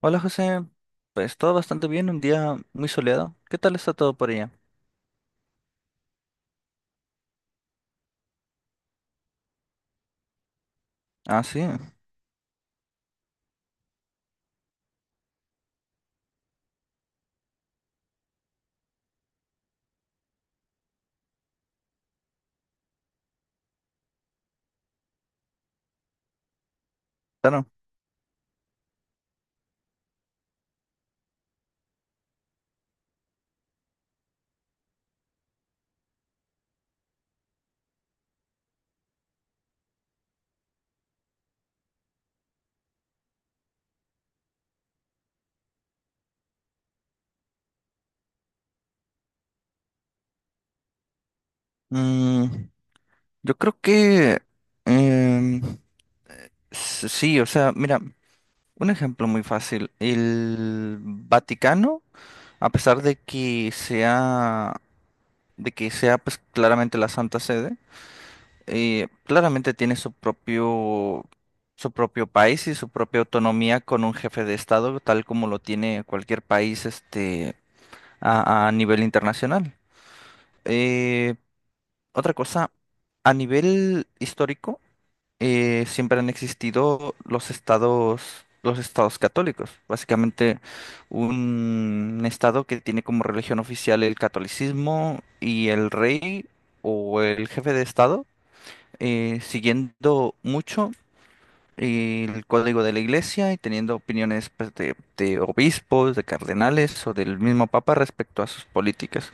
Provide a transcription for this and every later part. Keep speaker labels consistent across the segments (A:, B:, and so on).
A: Hola José, pues todo bastante bien, un día muy soleado. ¿Qué tal está todo por allá? Ah, sí, claro. Mm, yo creo que em, sí. O sea, mira, un ejemplo muy fácil. El Vaticano, a pesar de que sea, pues claramente la Santa Sede, claramente tiene su propio país y su propia autonomía con un jefe de Estado, tal como lo tiene cualquier país, este a nivel internacional. Eh, Otra cosa, a nivel histórico, siempre han existido los estados católicos. Básicamente, un estado que tiene como religión oficial el catolicismo y el rey o el jefe de estado, siguiendo mucho el código de la iglesia y teniendo opiniones pues, de obispos, de cardenales o del mismo papa respecto a sus políticas.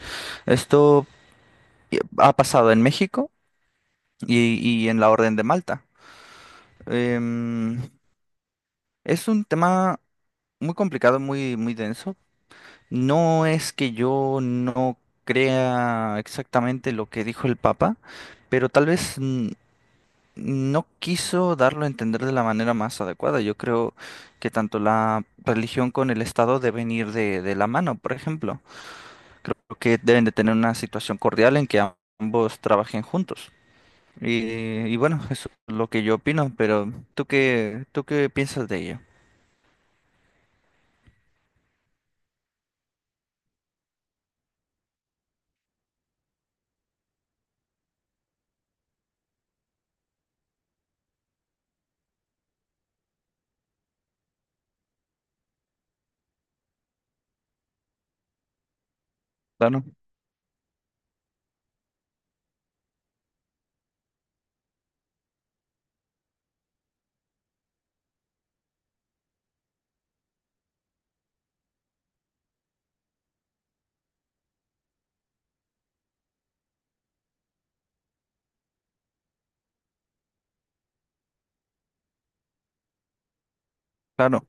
A: Esto ha pasado en México y en la Orden de Malta. Em, es un tema muy complicado, muy, muy denso. No es que yo no crea exactamente lo que dijo el Papa, pero tal vez no quiso darlo a entender de la manera más adecuada. Yo creo que tanto la religión con el Estado deben ir de la mano, por ejemplo. Creo que deben de tener una situación cordial en que ambos trabajen juntos. Y bueno, eso es lo que yo opino, pero tú qué piensas de ello? Claro, claro,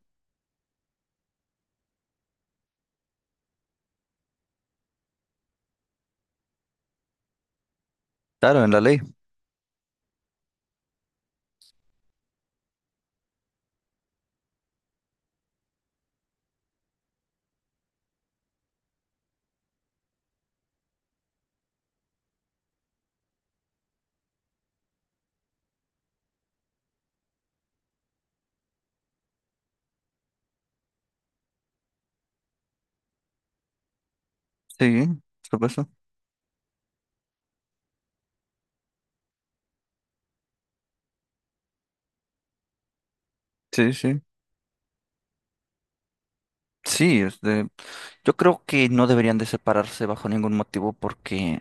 A: claro, en la ley. Sí, por supuesto. Sí, sí. Sí, este, yo creo que no deberían de separarse bajo ningún motivo porque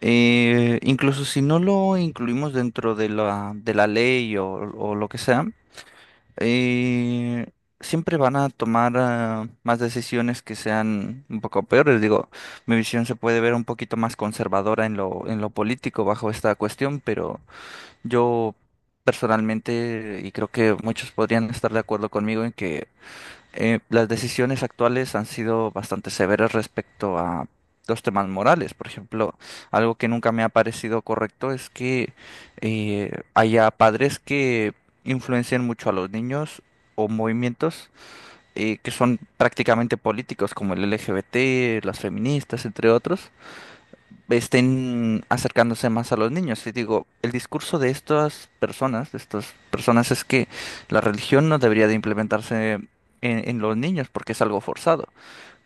A: incluso si no lo incluimos dentro de la ley o lo que sea, eh, siempre van a tomar más decisiones que sean un poco peores. Digo, mi visión se puede ver un poquito más conservadora en lo político bajo esta cuestión, pero yo personalmente, y creo que muchos podrían estar de acuerdo conmigo en que las decisiones actuales han sido bastante severas respecto a los temas morales. Por ejemplo, algo que nunca me ha parecido correcto es que haya padres que influencien mucho a los niños o movimientos que son prácticamente políticos, como el LGBT, las feministas, entre otros estén acercándose más a los niños. Y digo, el discurso de estas personas, es que la religión no debería de implementarse en los niños porque es algo forzado.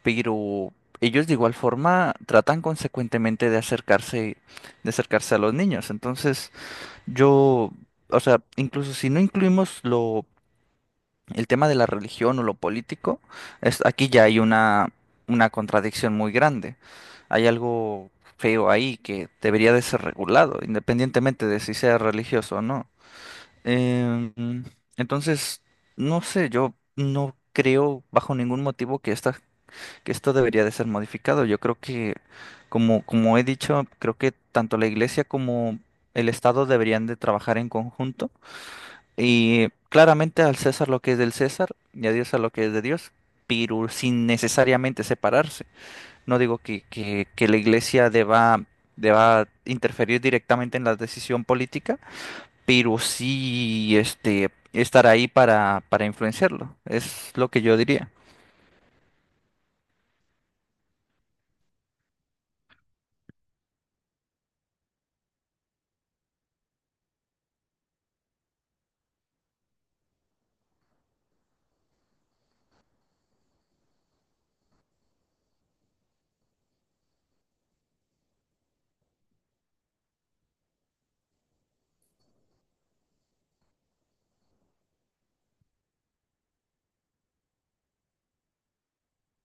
A: Pero ellos de igual forma tratan consecuentemente de acercarse a los niños. Entonces, yo, o sea, incluso si no incluimos lo el tema de la religión o lo político, es, aquí ya hay una contradicción muy grande. Hay algo feo ahí que debería de ser regulado, independientemente de si sea religioso o no. Em, entonces, no sé, yo no creo bajo ningún motivo que esta, que esto debería de ser modificado. Yo creo que, como, como he dicho, creo que tanto la iglesia como el Estado deberían de trabajar en conjunto y claramente al César lo que es del César y a Dios a lo que es de Dios, pero sin necesariamente separarse. No digo que, que la iglesia deba, deba interferir directamente en la decisión política, pero sí este, estar ahí para influenciarlo. Es lo que yo diría.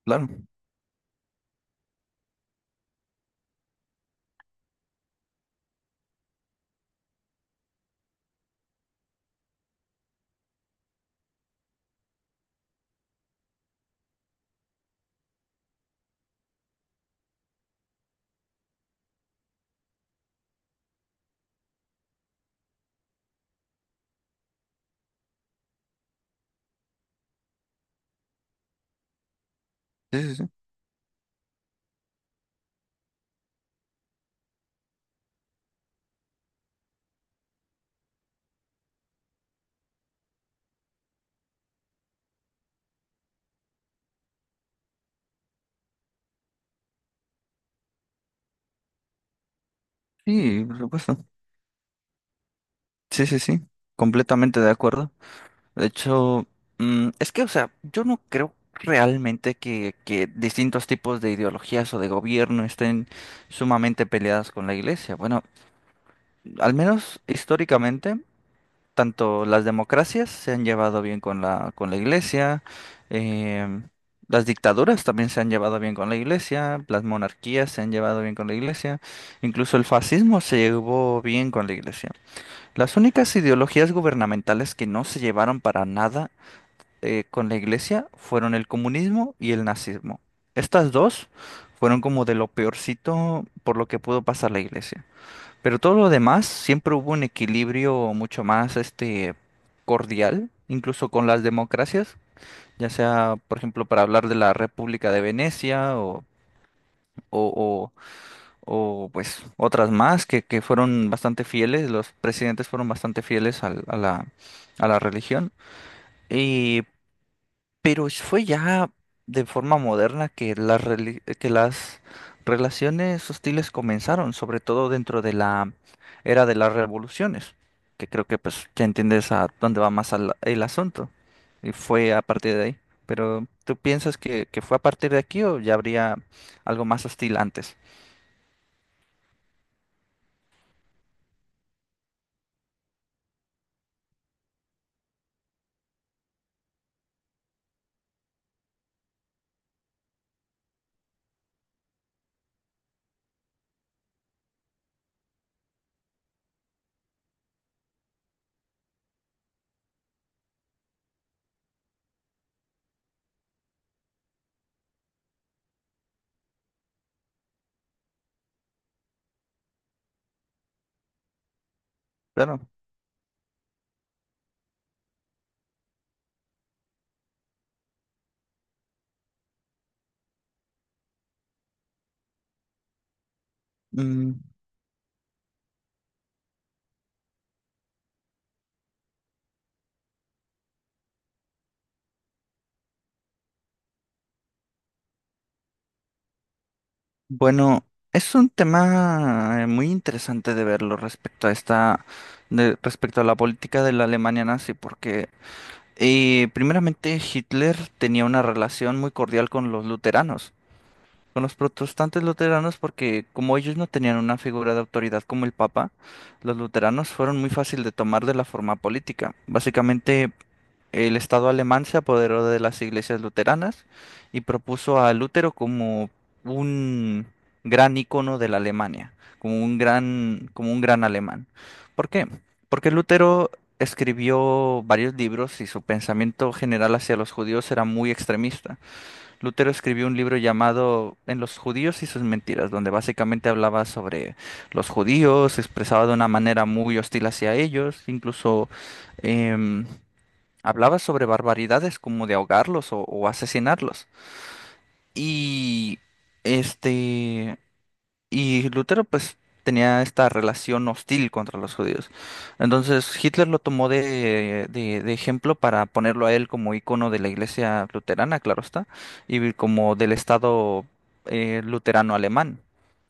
A: Claro. Sí, sí, sí. Sí, por supuesto. Sí, sí, sí. Completamente de acuerdo. De hecho, es que, o sea, yo no creo realmente que distintos tipos de ideologías o de gobierno estén sumamente peleadas con la iglesia. Bueno, al menos históricamente, tanto las democracias se han llevado bien con la iglesia, eh, las dictaduras también se han llevado bien con la iglesia, las monarquías se han llevado bien con la iglesia, incluso el fascismo se llevó bien con la iglesia. Las únicas ideologías gubernamentales que no se llevaron para nada con la iglesia fueron el comunismo y el nazismo. Estas dos fueron como de lo peorcito por lo que pudo pasar la iglesia. Pero todo lo demás siempre hubo un equilibrio mucho más este cordial, incluso con las democracias, ya sea, por ejemplo, para hablar de la República de Venecia o, o, o, pues otras más que fueron bastante fieles, los presidentes fueron bastante fieles a la religión. y Pero fue ya de forma moderna que las, que las relaciones hostiles comenzaron, sobre todo dentro de la era de las revoluciones, que creo que pues ya entiendes a dónde va más el asunto. Y fue a partir de ahí. Pero ¿tú piensas que fue a partir de aquí o ya habría algo más hostil antes? Claro. Mm, bueno, es un tema muy interesante de verlo respecto a esta, respecto a la política de la Alemania nazi, porque primeramente, Hitler tenía una relación muy cordial con los luteranos, con los protestantes luteranos, porque como ellos no tenían una figura de autoridad como el Papa, los luteranos fueron muy fácil de tomar de la forma política. Básicamente, el Estado alemán se apoderó de las iglesias luteranas y propuso a Lutero como un gran ícono de la Alemania, como un gran alemán. ¿Por qué? Porque Lutero escribió varios libros y su pensamiento general hacia los judíos era muy extremista. Lutero escribió un libro llamado En los judíos y sus mentiras, donde básicamente hablaba sobre los judíos, se expresaba de una manera muy hostil hacia ellos, incluso em, hablaba sobre barbaridades como de ahogarlos o asesinarlos. Y este y Lutero pues tenía esta relación hostil contra los judíos. Entonces Hitler lo tomó de ejemplo para ponerlo a él como icono de la iglesia luterana, claro está, y como del estado luterano alemán.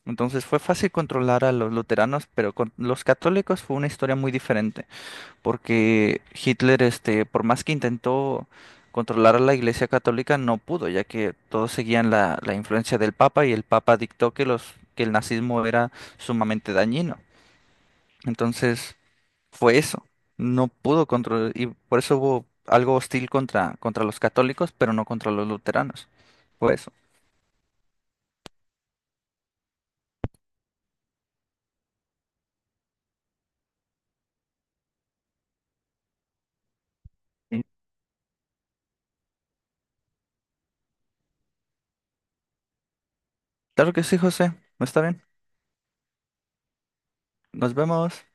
A: Entonces fue fácil controlar a los luteranos, pero con los católicos fue una historia muy diferente porque Hitler, este, por más que intentó controlar a la Iglesia Católica, no pudo, ya que todos seguían la, la influencia del Papa y el Papa dictó que los, que el nazismo era sumamente dañino. Entonces, fue eso. No pudo controlar, y por eso hubo algo hostil contra, contra los católicos, pero no contra los luteranos. Fue eso. Y claro que sí, José. Está bien. Nos vemos.